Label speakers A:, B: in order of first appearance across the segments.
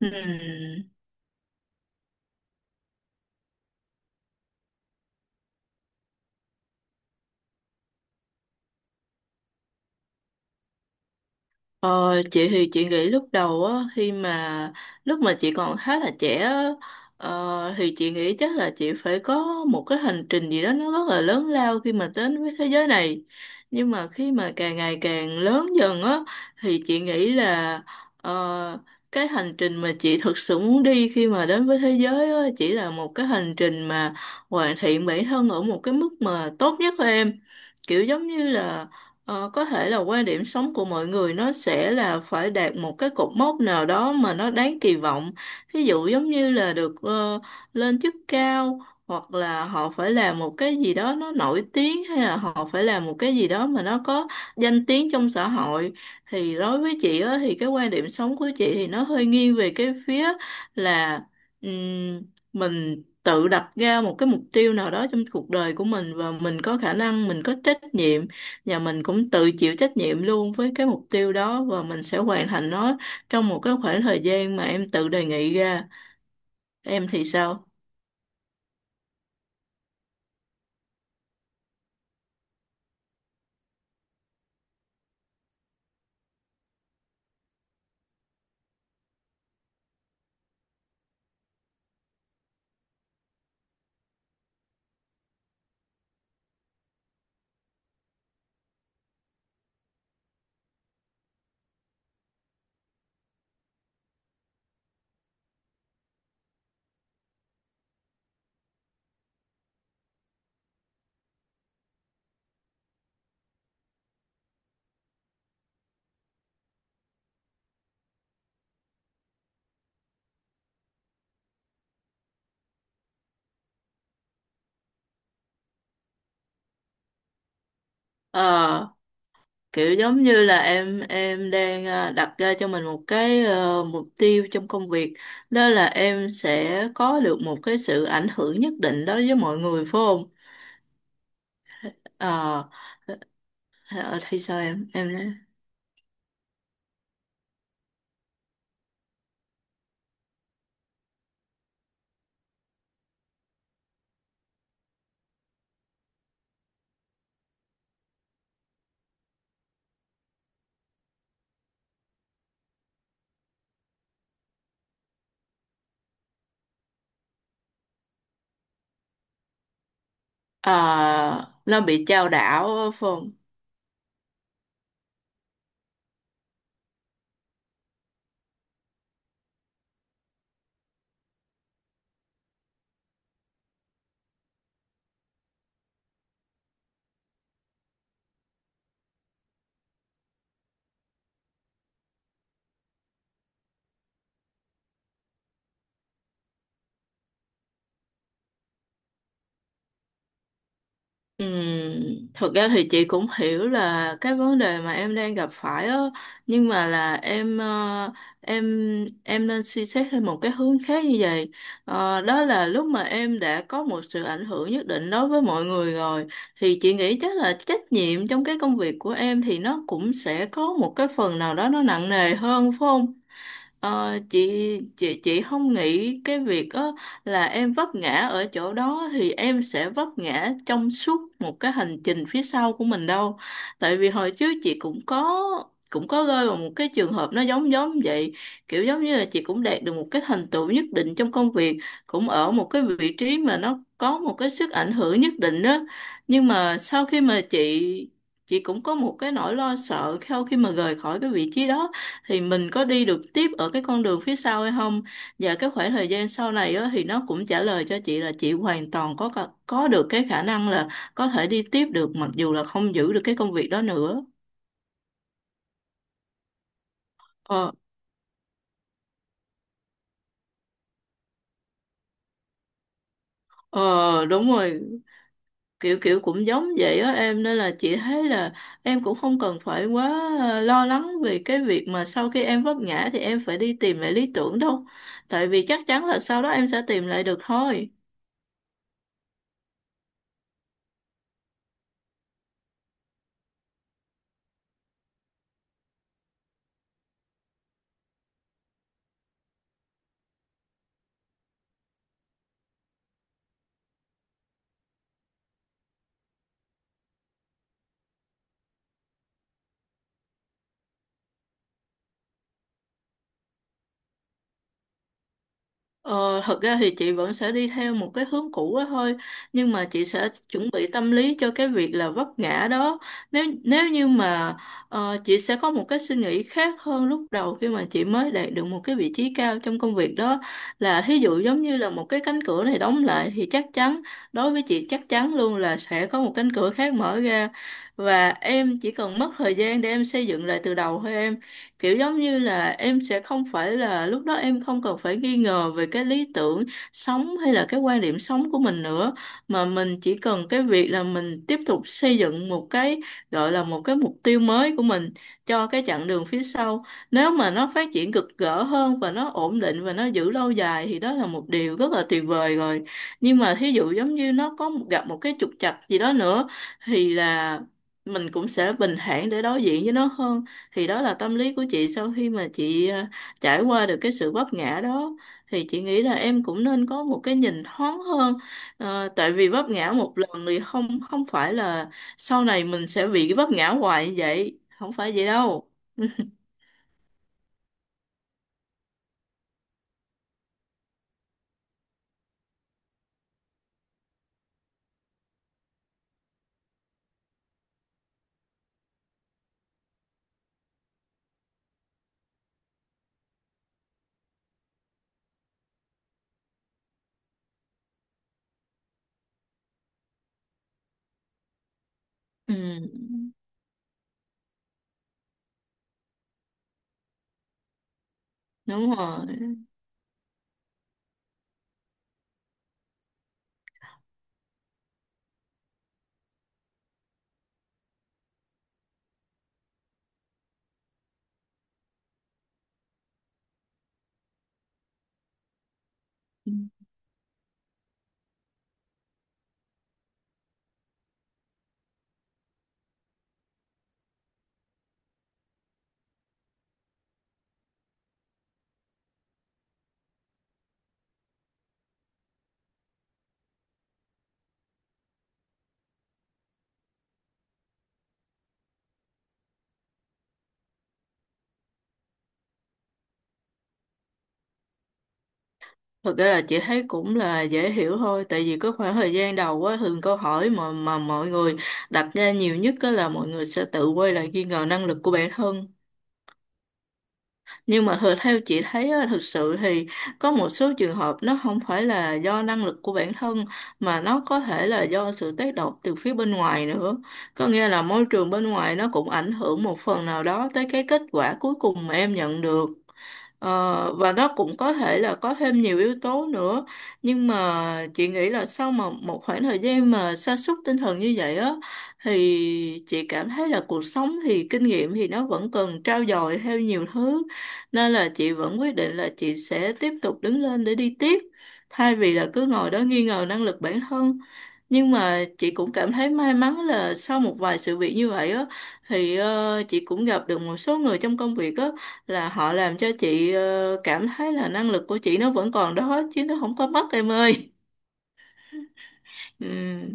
A: Ừm, Ờ, chị thì chị nghĩ lúc đầu á, khi mà lúc mà chị còn khá là trẻ á, thì chị nghĩ chắc là chị phải có một cái hành trình gì đó nó rất là lớn lao khi mà đến với thế giới này. Nhưng mà khi mà càng ngày càng lớn dần á thì chị nghĩ là, ờ, cái hành trình mà chị thực sự muốn đi khi mà đến với thế giới á chỉ là một cái hành trình mà hoàn thiện bản thân ở một cái mức mà tốt nhất của em. Kiểu giống như là, có thể là quan điểm sống của mọi người nó sẽ là phải đạt một cái cột mốc nào đó mà nó đáng kỳ vọng. Ví dụ giống như là được lên chức cao, hoặc là họ phải làm một cái gì đó nó nổi tiếng, hay là họ phải làm một cái gì đó mà nó có danh tiếng trong xã hội. Thì đối với chị á, thì cái quan điểm sống của chị thì nó hơi nghiêng về cái phía là, ừm, mình tự đặt ra một cái mục tiêu nào đó trong cuộc đời của mình, và mình có khả năng, mình có trách nhiệm, và mình cũng tự chịu trách nhiệm luôn với cái mục tiêu đó, và mình sẽ hoàn thành nó trong một cái khoảng thời gian mà em tự đề nghị ra. Em thì sao? ờ Kiểu giống như là em đang đặt ra cho mình một cái mục tiêu trong công việc, đó là em sẽ có được một cái sự ảnh hưởng nhất định đối với mọi người, phải không? Ờ ờ, thì sao em nói- ờ Nó bị chao đảo, phải không? Thực ra thì chị cũng hiểu là cái vấn đề mà em đang gặp phải á, nhưng mà là em em nên suy xét theo một cái hướng khác như vậy. Đó là lúc mà em đã có một sự ảnh hưởng nhất định đối với mọi người rồi, thì chị nghĩ chắc là trách nhiệm trong cái công việc của em thì nó cũng sẽ có một cái phần nào đó nó nặng nề hơn, phải không? Ờ, chị chị không nghĩ cái việc đó là em vấp ngã ở chỗ đó thì em sẽ vấp ngã trong suốt một cái hành trình phía sau của mình đâu. Tại vì hồi trước chị cũng có rơi vào một cái trường hợp nó giống giống vậy, kiểu giống như là chị cũng đạt được một cái thành tựu nhất định trong công việc, cũng ở một cái vị trí mà nó có một cái sức ảnh hưởng nhất định đó. Nhưng mà sau khi mà chị cũng có một cái nỗi lo sợ sau khi mà rời khỏi cái vị trí đó, thì mình có đi được tiếp ở cái con đường phía sau hay không. Và cái khoảng thời gian sau này á, thì nó cũng trả lời cho chị là chị hoàn toàn có được cái khả năng là có thể đi tiếp được, mặc dù là không giữ được cái công việc đó nữa. ờ ờ Đúng rồi, kiểu kiểu cũng giống vậy á em, nên là chị thấy là em cũng không cần phải quá lo lắng về cái việc mà sau khi em vấp ngã thì em phải đi tìm lại lý tưởng đâu, tại vì chắc chắn là sau đó em sẽ tìm lại được thôi. Ờ, Thật ra thì chị vẫn sẽ đi theo một cái hướng cũ đó thôi, nhưng mà chị sẽ chuẩn bị tâm lý cho cái việc là vấp ngã đó. Nếu nếu như mà, chị sẽ có một cái suy nghĩ khác hơn lúc đầu khi mà chị mới đạt được một cái vị trí cao trong công việc đó, là thí dụ giống như là một cái cánh cửa này đóng lại thì chắc chắn, đối với chị chắc chắn luôn là sẽ có một cánh cửa khác mở ra, và em chỉ cần mất thời gian để em xây dựng lại từ đầu thôi em. Kiểu giống như là em sẽ không phải là, lúc đó em không cần phải nghi ngờ về cái lý tưởng sống hay là cái quan điểm sống của mình nữa, mà mình chỉ cần cái việc là mình tiếp tục xây dựng một cái, gọi là một cái mục tiêu mới của mình cho cái chặng đường phía sau. Nếu mà nó phát triển cực gỡ hơn và nó ổn định và nó giữ lâu dài thì đó là một điều rất là tuyệt vời rồi. Nhưng mà thí dụ giống như nó gặp một cái trục trặc gì đó nữa thì là mình cũng sẽ bình thản để đối diện với nó hơn. Thì đó là tâm lý của chị sau khi mà chị trải qua được cái sự vấp ngã đó, thì chị nghĩ là em cũng nên có một cái nhìn thoáng hơn. Tại vì vấp ngã một lần thì không không phải là sau này mình sẽ bị cái vấp ngã hoài như vậy, không phải vậy đâu. Ừ. Đúng rồi, thực ra là chị thấy cũng là dễ hiểu thôi, tại vì có khoảng thời gian đầu á, thường câu hỏi mà mọi người đặt ra nhiều nhất á là mọi người sẽ tự quay lại nghi ngờ năng lực của bản thân. Nhưng mà thật theo chị thấy á, thực sự thì có một số trường hợp nó không phải là do năng lực của bản thân, mà nó có thể là do sự tác động từ phía bên ngoài nữa. Có nghĩa là môi trường bên ngoài nó cũng ảnh hưởng một phần nào đó tới cái kết quả cuối cùng mà em nhận được. Và nó cũng có thể là có thêm nhiều yếu tố nữa, nhưng mà chị nghĩ là sau mà một khoảng thời gian mà sa sút tinh thần như vậy á, thì chị cảm thấy là cuộc sống thì kinh nghiệm thì nó vẫn cần trau dồi theo nhiều thứ, nên là chị vẫn quyết định là chị sẽ tiếp tục đứng lên để đi tiếp, thay vì là cứ ngồi đó nghi ngờ năng lực bản thân. Nhưng mà chị cũng cảm thấy may mắn là sau một vài sự việc như vậy á, thì chị cũng gặp được một số người trong công việc á, là họ làm cho chị cảm thấy là năng lực của chị nó vẫn còn đó chứ nó không có mất em ơi. Ừ.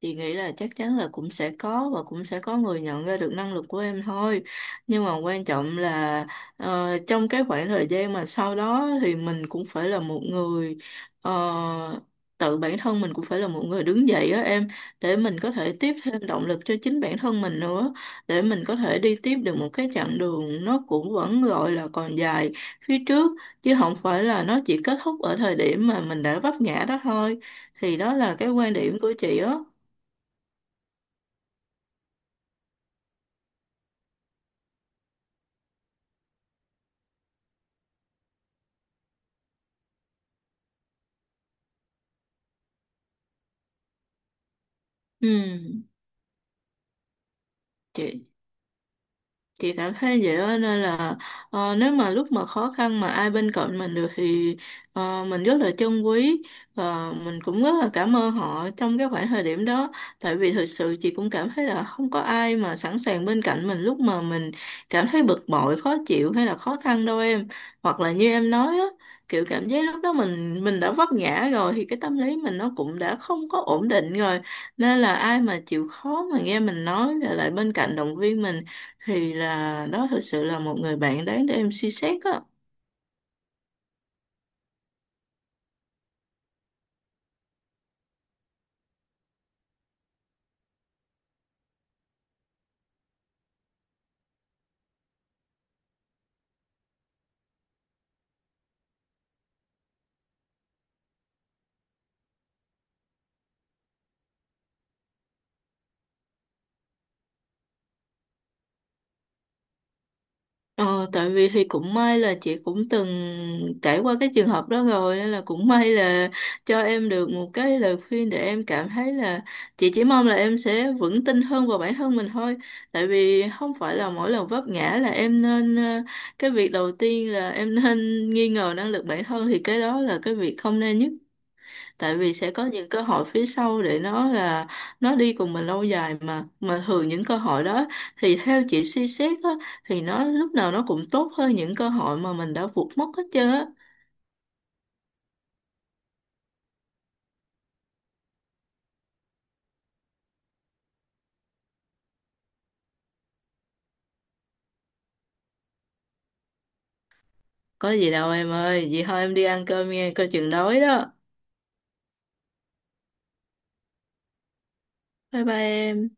A: Chị nghĩ là chắc chắn là cũng sẽ có, và cũng sẽ có người nhận ra được năng lực của em thôi. Nhưng mà quan trọng là, trong cái khoảng thời gian mà sau đó thì mình cũng phải là một người, ờ, tự bản thân mình cũng phải là một người đứng dậy á em, để mình có thể tiếp thêm động lực cho chính bản thân mình nữa, để mình có thể đi tiếp được một cái chặng đường nó cũng vẫn gọi là còn dài phía trước, chứ không phải là nó chỉ kết thúc ở thời điểm mà mình đã vấp ngã đó thôi. Thì đó là cái quan điểm của chị á. Ừ, chị chị cảm thấy vậy đó, nên là nếu mà lúc mà khó khăn mà ai bên cạnh mình được thì mình rất là trân quý, và mình cũng rất là cảm ơn họ trong cái khoảng thời điểm đó. Tại vì thực sự chị cũng cảm thấy là không có ai mà sẵn sàng bên cạnh mình lúc mà mình cảm thấy bực bội khó chịu hay là khó khăn đâu em, hoặc là như em nói á, kiểu cảm giác lúc đó mình đã vấp ngã rồi thì cái tâm lý mình nó cũng đã không có ổn định rồi, nên là ai mà chịu khó mà nghe mình nói rồi lại bên cạnh động viên mình thì là đó thực sự là một người bạn đáng để em suy xét á. Ờ, Tại vì thì cũng may là chị cũng từng trải qua cái trường hợp đó rồi, nên là cũng may là cho em được một cái lời khuyên để em cảm thấy là, chị chỉ mong là em sẽ vững tin hơn vào bản thân mình thôi. Tại vì không phải là mỗi lần vấp ngã là cái việc đầu tiên là em nên nghi ngờ năng lực bản thân, thì cái đó là cái việc không nên nhất. Tại vì sẽ có những cơ hội phía sau để nó là nó đi cùng mình lâu dài, mà thường những cơ hội đó thì theo chị suy xét á, thì nó lúc nào nó cũng tốt hơn những cơ hội mà mình đã vụt mất hết trơn á. Có gì đâu em ơi, vậy thôi em đi ăn cơm nghe, coi chừng đói đó. Bye bye em.